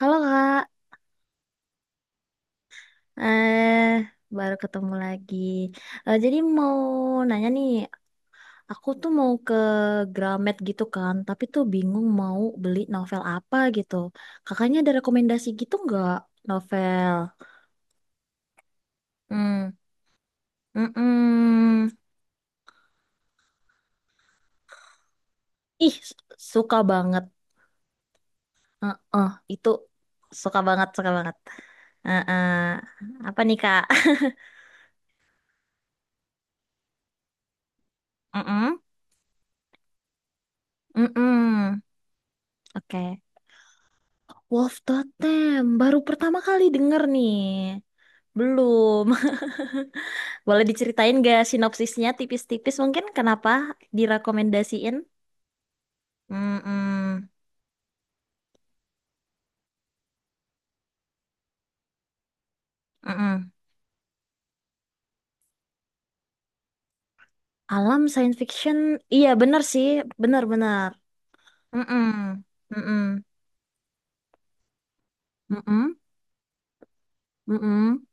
Halo Kak, eh baru ketemu lagi. Eh, jadi mau nanya nih, aku tuh mau ke Gramet gitu kan, tapi tuh bingung mau beli novel apa gitu. Kakaknya ada rekomendasi gitu nggak novel? Hmm, mm-mm. Ih, suka banget. Heeh, itu suka banget, suka banget. Heeh. Apa nih Kak? Mm-mm. Mm-mm. Oke. Wolf Totem, baru pertama kali denger nih. Belum. Boleh diceritain gak sinopsisnya tipis-tipis mungkin kenapa direkomendasiin? Mm-mm. Mm-mm. Alam science fiction, iya bener sih, bener-bener. Mm-mm. Mm-mm. Mm-mm. Mm-mm.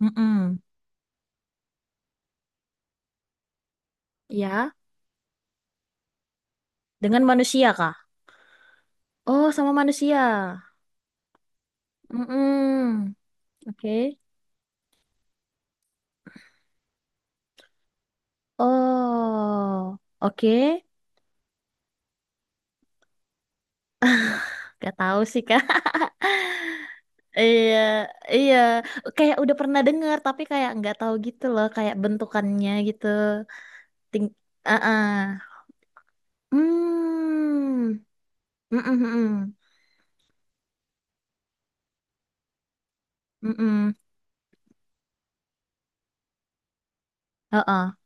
Mm-mm. Ya, dengan manusia kah? Oh, sama manusia. Mm-mm. Oke. Oh, oke. Gak tahu sih Kak. Iya, iya, kayak udah pernah denger tapi kayak nggak tahu gitu loh, kayak bentukannya gitu. Ting, ah, ah. Hmm, mm mm mm mm mm. Ah, ah.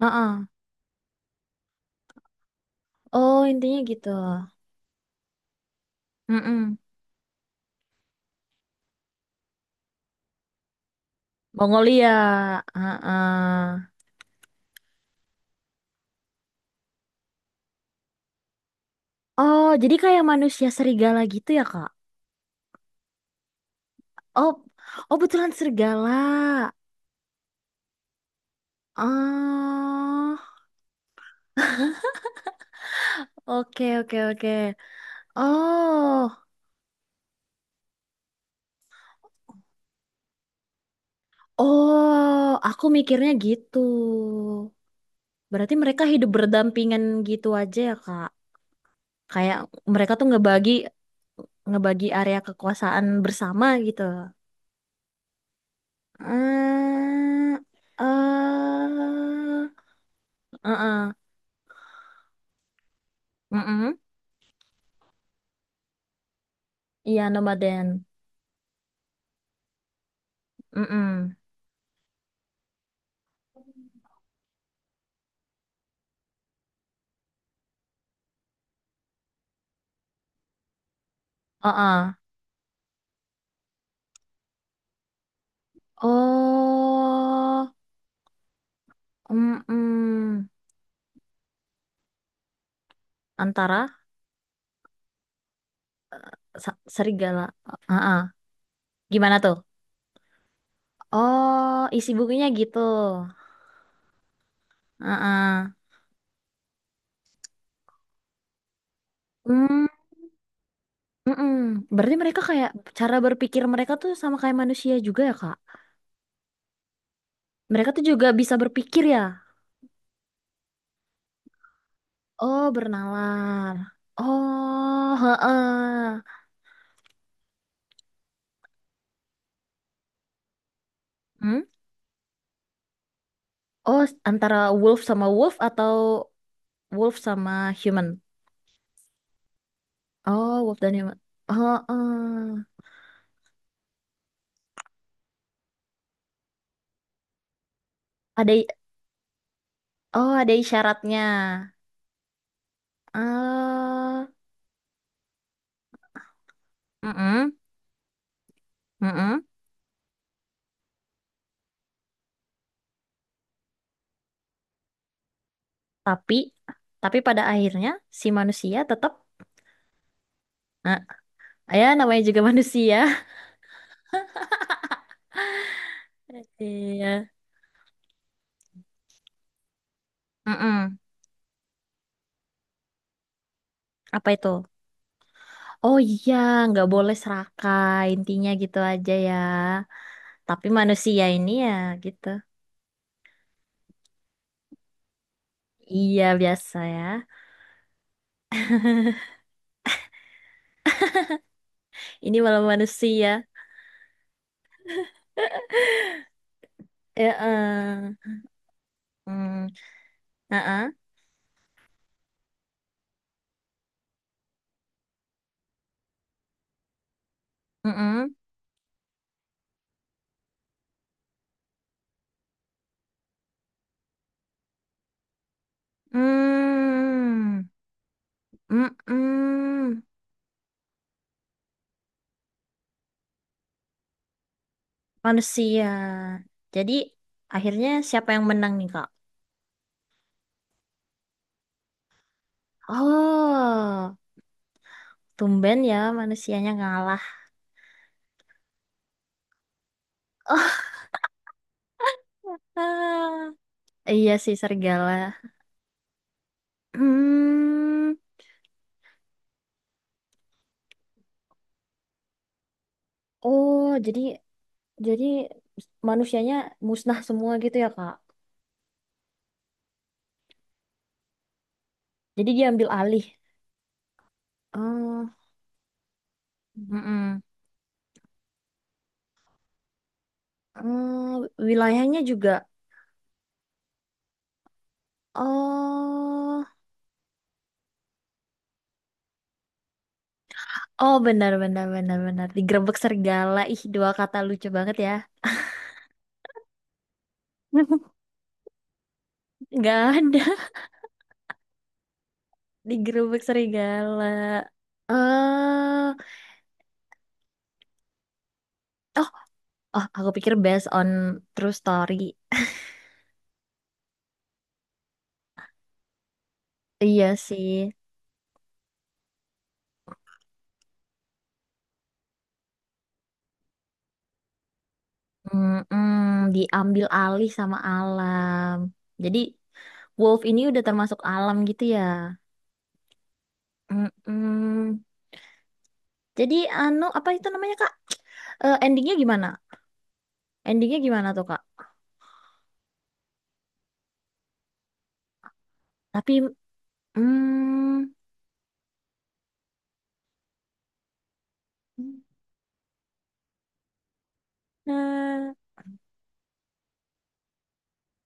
Ah, ah. Oh intinya gitu. Mm mm. Mongolia, ah, ah. Oh jadi kayak manusia serigala gitu ya Kak? Oh, oh betulan serigala. Ah, oke oke oke. Oh. Oh, aku mikirnya gitu. Berarti mereka hidup berdampingan gitu aja ya, Kak. Kayak mereka tuh ngebagi ngebagi area kekuasaan bersama gitu. Eh, eh, eh, eh. Mm-mm. Iya, nomaden. Mm-mm. Uh-uh. Oh, mm-mm. Antara serigala. Uh-uh. Gimana tuh? Oh, isi bukunya gitu. Heeh. Mm-mm. Berarti mereka kayak cara berpikir mereka tuh sama kayak manusia juga ya, Kak? Mereka tuh juga bisa berpikir ya. Oh, bernalar. Oh, heeh. Hmm? Oh, antara wolf sama wolf atau wolf sama human? Oh, wolf dan human. Heeh. Ada i- oh, ada isyaratnya. Eh, mm-mm, mm-mm. Tapi tapi pada akhirnya si manusia tetap, ah, ya namanya juga manusia. Iya. Mm-mm. Apa itu? Oh iya, nggak boleh serakah. Intinya gitu aja ya. Tapi manusia ini ya gitu. Iya biasa ya. Ini malah manusia. Eh, eh. Hmm. Eh, eh. Mm-mm. Mm. Mm-mm. Manusia. Jadi akhirnya siapa yang menang nih Kak? Oh, tumben ya manusianya ngalah. Ah, iya sih serigala. Hmm. Oh, jadi manusianya musnah semua gitu ya, Kak? Jadi dia ambil alih. Oh, mm-mm. Oh, wilayahnya juga. Oh, oh benar benar benar benar. Digerebek serigala. Ih, dua kata lucu banget ya. Nggak ada digerebek serigala. Eh, oh, oh, aku pikir based on true story. Iya sih. Mm-mm, diambil alih sama alam. Jadi wolf ini udah termasuk alam gitu ya. Mm-mm. Jadi anu apa itu namanya Kak? Eh, endingnya gimana? Endingnya gimana tuh Kak? Tapi, mm, nah,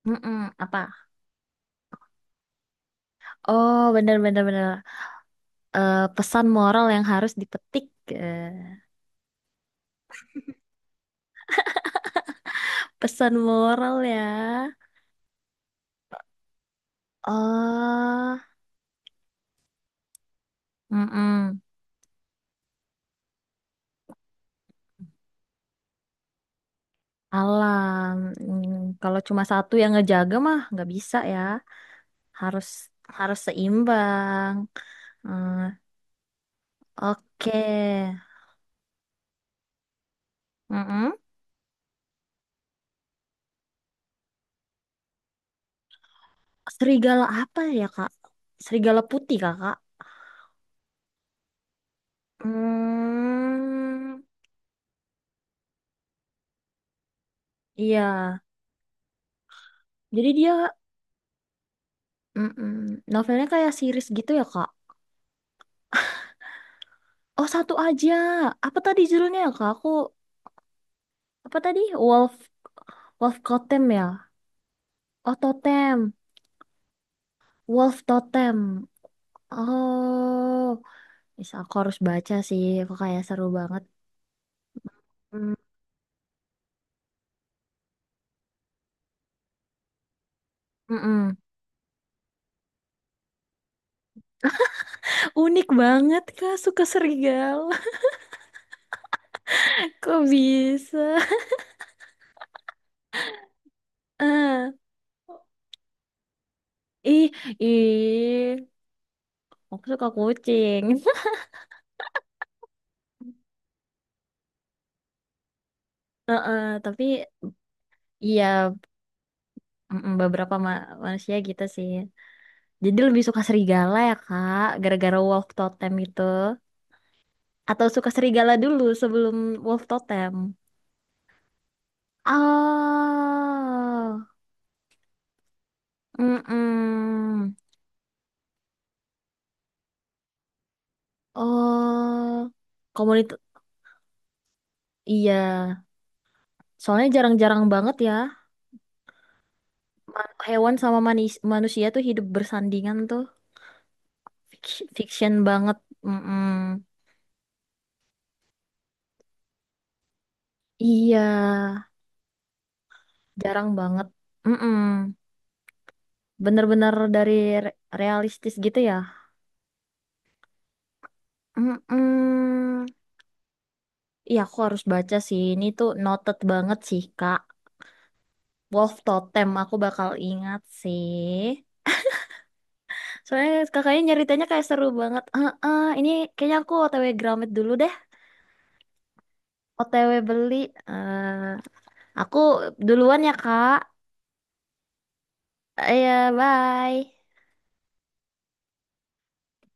mm-mm, apa? Oh bener-bener bener. Bener, bener. Eh, pesan moral yang harus dipetik. Eh, pesan moral ya. Oh. Mm-mm. Alam, kalau cuma satu yang ngejaga mah nggak bisa ya. Harus harus seimbang. Hmm, oke. Mm-mm. Serigala apa ya Kak? Serigala putih Kakak. Hmm, iya. Jadi dia mm-mm, novelnya kayak series gitu ya Kak? Oh satu aja. Apa tadi judulnya ya Kak? Aku apa tadi? Wolf Wolf Totem ya? Oh Totem. Wolf Totem. Oh. Is aku harus baca sih, kok kayak seru banget. Hmm, mm-mm. Unik banget Kak, suka serigala. Kok bisa? Ah, ih, ih, aku suka kucing. Heeh, tapi iya, beberapa manusia gitu sih. Jadi lebih suka serigala ya Kak, gara-gara wolf totem itu. Atau suka serigala dulu sebelum wolf totem? Oh, mm-mm. Oh, komunitas. Iya, soalnya jarang-jarang banget ya, hewan sama manusia tuh hidup bersandingan tuh. Fiction banget. Mm-mm. Iya, jarang banget. Mm-mm. Bener-bener dari realistis gitu ya. Mm-mm. Iya, aku harus baca sih. Ini tuh noted banget sih, Kak. Wolf Totem, aku bakal ingat sih. Soalnya kakaknya nyeritanya kayak seru banget. Heeh, ini kayaknya aku OTW Gramet dulu deh. OTW beli. Eh, aku duluan ya, Kak. Eh, ya, bye.